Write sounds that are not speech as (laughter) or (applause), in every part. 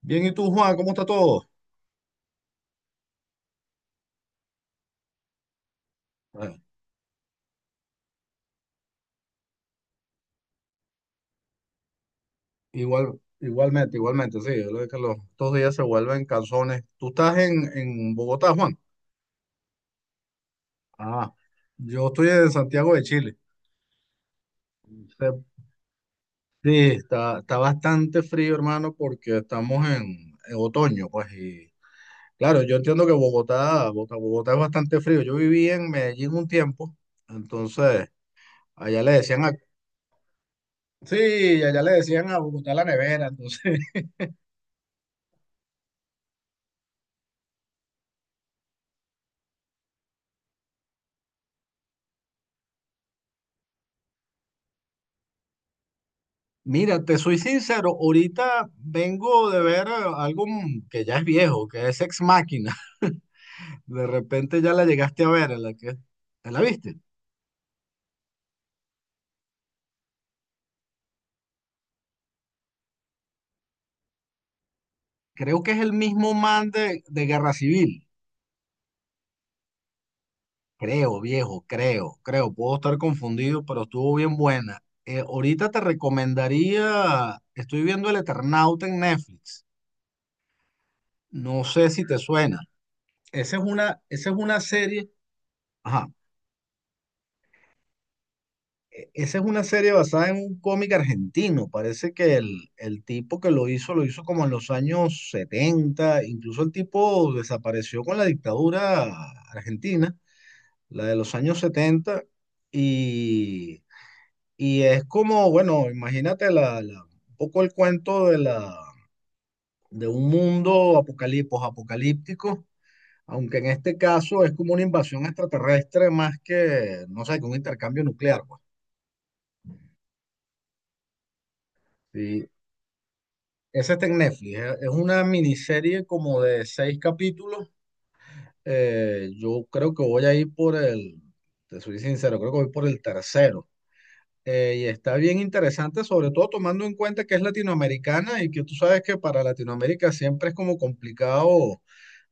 Bien, ¿y tú, Juan? ¿Cómo está todo? Eh, igual, igualmente, igualmente, sí. Yo lo que los, estos días se vuelven calzones. ¿Tú estás en Bogotá, Juan? Ah, yo estoy en Santiago de Chile. Se- Sí, está bastante frío, hermano, porque estamos en otoño, pues. Y claro, yo entiendo que Bogotá, Bogotá, Bogotá es bastante frío. Yo viví en Medellín un tiempo, entonces allá le decían a. Sí, allá le decían a Bogotá la nevera, entonces. Mira, te soy sincero, ahorita vengo de ver algo, que ya es viejo, que es Ex Machina. (laughs) De repente ya la llegaste a ver, la que te la viste. Creo que es el mismo man de Guerra Civil. Creo, viejo, creo, creo. Puedo estar confundido, pero estuvo bien buena. Ahorita te recomendaría, estoy viendo El Eternauta en Netflix. No sé si te suena. Esa es una serie. Ajá. Esa es una serie basada en un cómic argentino. Parece que el tipo que lo hizo como en los años 70. Incluso el tipo desapareció con la dictadura argentina, la de los años 70. Y, y es como, bueno, imagínate la, un poco el cuento de un mundo apocalipos apocalíptico. Aunque en este caso es como una invasión extraterrestre más que, no sé, que un intercambio nuclear, pues. Sí, esa está en Netflix. Es una miniserie como de seis capítulos. Yo creo que voy a ir por el, te soy sincero, creo que voy por el tercero. Y está bien interesante, sobre todo tomando en cuenta que es latinoamericana y que tú sabes que para Latinoamérica siempre es como complicado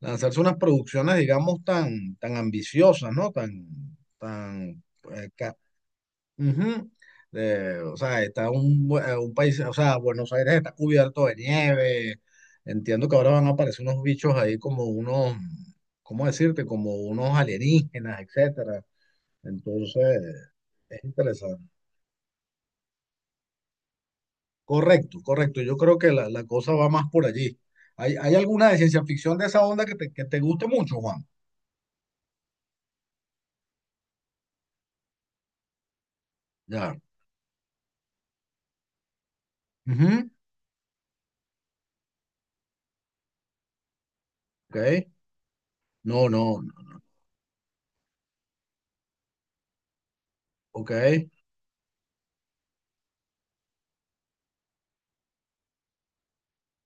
lanzarse unas producciones, digamos, tan, tan ambiciosas, ¿no? Tan, eh, ca- Ujú. O sea, está un país, o sea, Buenos Aires está cubierto de nieve. Entiendo que ahora van a aparecer unos bichos ahí como unos, ¿cómo decirte? Como unos alienígenas, etcétera. Entonces, es interesante. Correcto, correcto. Yo creo que la cosa va más por allí. ¿Hay alguna de ciencia ficción de esa onda que te, guste mucho, Juan? Ya. Ujú. Ok. No, no. Ok.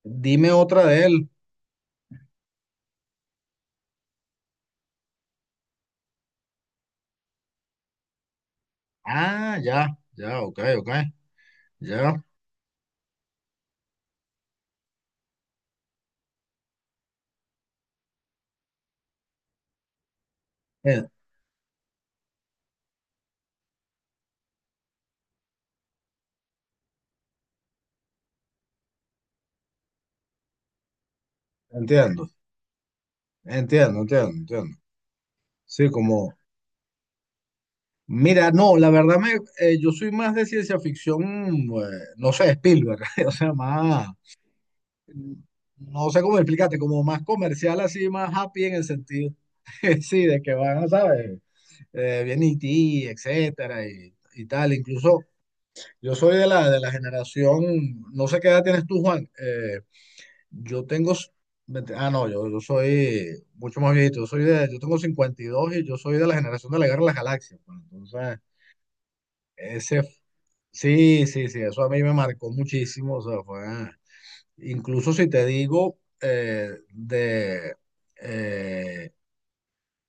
Dime otra de él. Ah, ya, ya, ok, ok. Ya. Eh, Entiendo, entiendo, entiendo, entiendo. Sí, como, mira, no, la verdad me, yo soy más de ciencia ficción, no sé, Spielberg, (laughs) o sea, más, no sé cómo explicarte, como más comercial, así, más happy en el sentido, (laughs) sí, de que van, ¿sabes? Viene E.T., etcétera, y tal. Incluso yo soy de la generación, no sé qué edad tienes tú, Juan, Yo tengo, s- vete- ah, no, yo soy mucho más viejito, yo tengo 52 y yo soy de la generación de la Guerra de las Galaxias, pues, entonces, ese, sí, sí, sí, eso a mí me marcó muchísimo, o sea, fue, incluso si te digo, eh,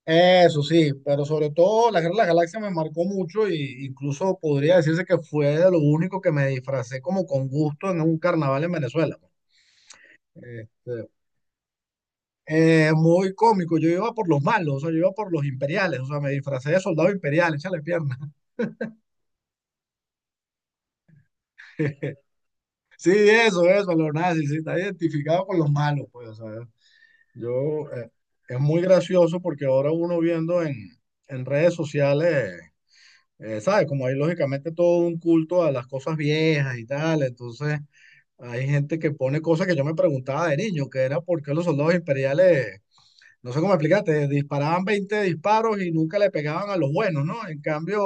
eso sí, pero sobre todo la Guerra de las Galaxias me marcó mucho y incluso podría decirse que fue de lo único que me disfracé como con gusto en un carnaval en Venezuela, pues. Este, muy cómico, yo iba por los malos, o sea, yo iba por los imperiales, o sea, me disfracé de soldado imperial, échale pierna. (laughs) Sí, eso, los nazis, sí, está identificado con los malos, pues, o sea, yo, eh, es muy gracioso porque ahora uno viendo en redes sociales, ¿sabes? Como hay lógicamente todo un culto a las cosas viejas y tal, entonces hay gente que pone cosas que yo me preguntaba de niño, que era por qué los soldados imperiales. No sé cómo explicarte, disparaban 20 disparos y nunca le pegaban a los buenos, ¿no? En cambio,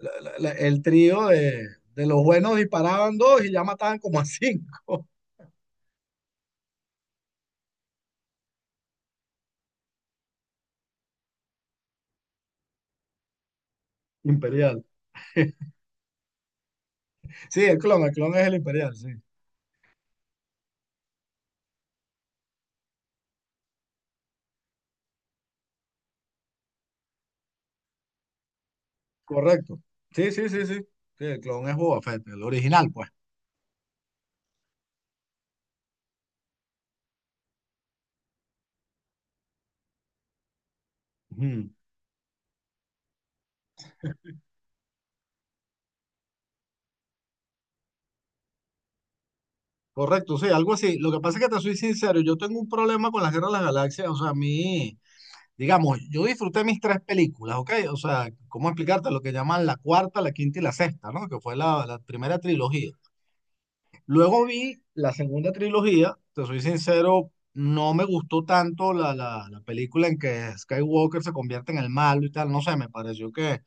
el trío de los buenos disparaban dos y ya mataban como a cinco. (laughs) Imperial. Sí, el clon es el imperial, sí. Correcto. Sí, sí, sí, sí. Sí, el clon es Boba Fett, el original, pues. Ujú. Correcto, sí, algo así. Lo que pasa es que te soy sincero, yo tengo un problema con las guerras de las galaxias. O sea, a mí, digamos, yo disfruté mis tres películas, ¿ok? O sea, ¿cómo explicarte lo que llaman la cuarta, la quinta y la sexta? ¿No? Que fue la primera trilogía. Luego vi la segunda trilogía, te soy sincero, no me gustó tanto la película en que Skywalker se convierte en el malo y tal, no sé, me pareció que,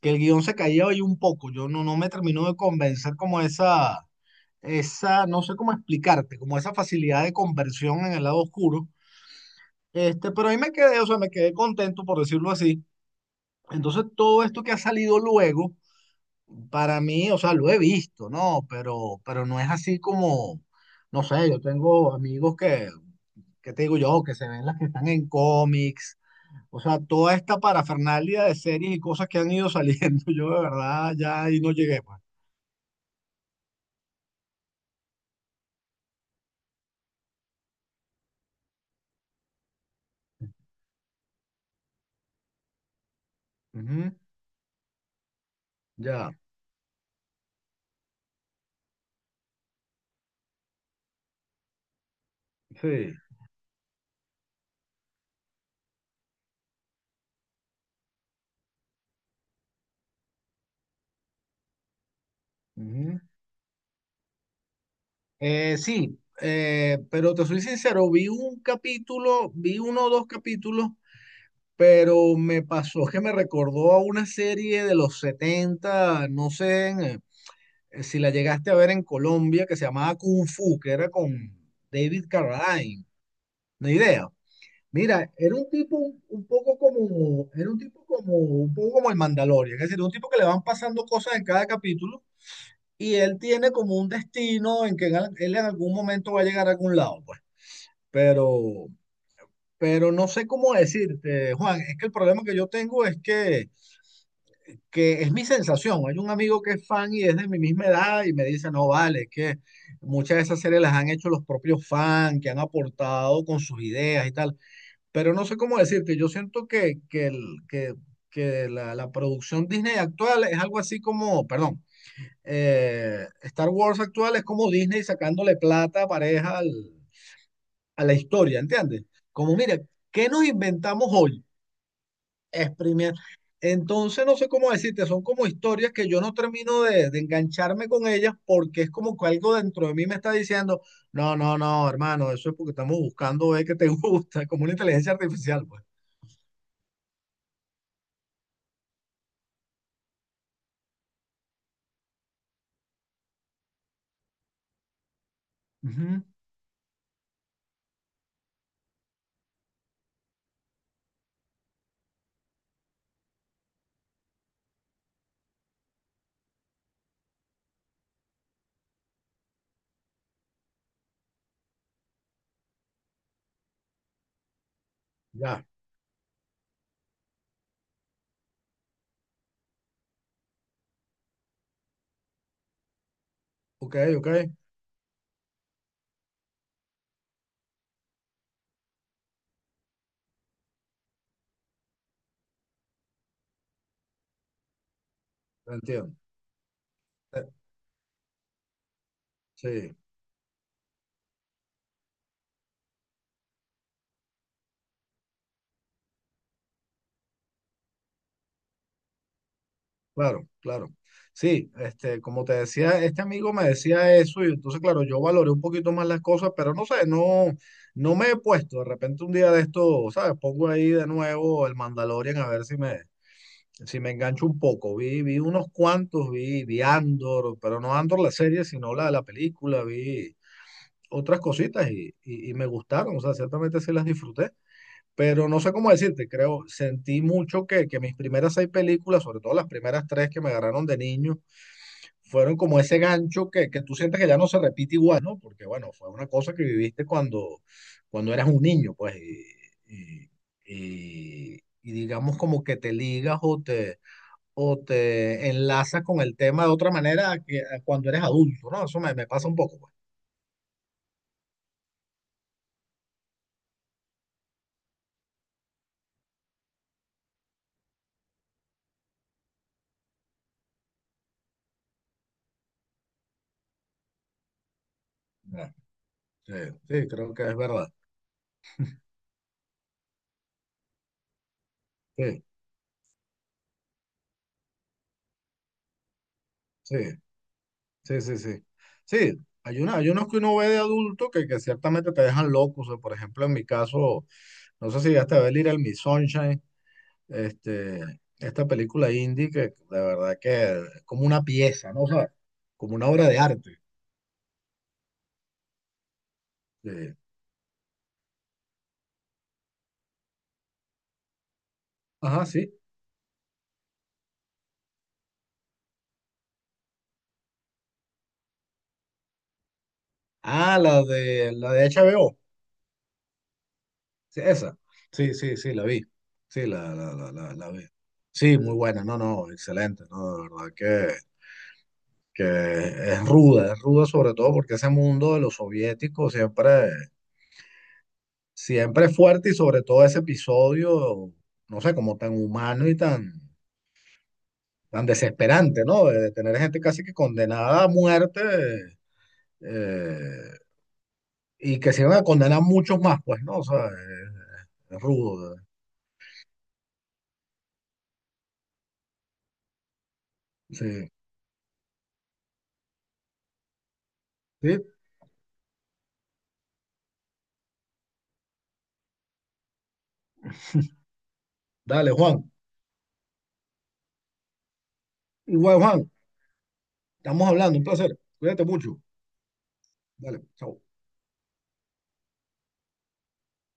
que el guión se caía ahí un poco, yo no me terminó de convencer como esa, no sé cómo explicarte, como esa facilidad de conversión en el lado oscuro. Este, pero ahí me quedé, o sea, me quedé contento por decirlo así. Entonces, todo esto que ha salido luego, para mí, o sea, lo he visto, ¿no? Pero no es así como, no sé, yo tengo amigos que, te digo yo, que se ven las que están en cómics, o sea, toda esta parafernalia de series y cosas que han ido saliendo, (laughs) yo de verdad ya ahí no llegué, pues. Ujú, ya, sí. Ujú. Sí, pero te soy sincero, vi un capítulo, vi uno o dos capítulos pero me pasó que me recordó a una serie de los 70 no sé si la llegaste a ver en Colombia, que se llamaba Kung Fu, que era con David Carradine, no idea. Mira, era un tipo un poco como, era un tipo como, un poco como el Mandalorian, es decir, un tipo que le van pasando cosas en cada capítulo y él tiene como un destino en que él en algún momento va a llegar a algún lado, pues. Pero, pero no sé cómo decirte, Juan, es que el problema que yo tengo es que es mi sensación. Hay un amigo que es fan y es de mi misma edad y me dice, no vale, es que muchas de esas series las han hecho los propios fans, que han aportado con sus ideas y tal. Pero no sé cómo decirte, yo siento que la producción Disney actual es algo así como, perdón, Star Wars actual es como Disney sacándole plata pareja a la historia, ¿entiendes? Como, mira, ¿qué nos inventamos hoy? Exprimir. Entonces, no sé cómo decirte, son como historias que yo no termino de, engancharme con ellas porque es como que algo dentro de mí me está diciendo, no, no, no, hermano, eso es porque estamos buscando ver qué te (laughs) gusta, como una inteligencia artificial, pues. Ujú, ya, ok, ok, entiendo. Eh, Sí. Claro, claro. Sí, este, como te decía, este amigo me decía eso y entonces, claro, yo valoré un poquito más las cosas, pero no sé, no, no me he puesto. De repente un día de esto, ¿sabes? Pongo ahí de nuevo el Mandalorian a ver si me, engancho un poco. Vi unos cuantos, vi Andor, pero no Andor la serie, sino la de la película, vi otras cositas y me gustaron, o sea, ciertamente sí las disfruté. Pero no sé cómo decirte, creo, sentí mucho que mis primeras seis películas, sobre todo las primeras tres que me agarraron de niño, fueron como ese gancho que tú sientes que ya no se repite igual, ¿no? Porque bueno, fue una cosa que viviste cuando eras un niño, pues, y, y digamos como que te ligas o te, enlazas con el tema de otra manera a que, a cuando eres adulto, ¿no? Eso me pasa un poco, pues. Ya, sí, sí, creo que es verdad. Sí, sí. Sí, sí, sí. Sí, hay unos que uno ve de adulto que ciertamente te dejan locos. O sea, por ejemplo, en mi caso, no sé si llegaste a ver Little Miss Sunshine, este, esta película indie que de verdad que es como una pieza, ¿no? O sea, como una obra de arte. Sí. Ajá, sí. Ah, la de HBO. Sí, esa. Sí, sí, sí, la vi. Sí, la vi. Sí, muy buena. No, no, excelente. No, de verdad que es ruda sobre todo porque ese mundo de los soviéticos siempre, siempre es fuerte y sobre todo ese episodio, no sé, como tan humano y tan, tan desesperante, ¿no? De tener gente casi que condenada a muerte eh, y que se iban a condenar muchos más, pues, ¿no? O sea, es rudo. Sí. Sí, dale, Juan. Igual, Juan, estamos hablando, un placer. Cuídate mucho. Dale, chao.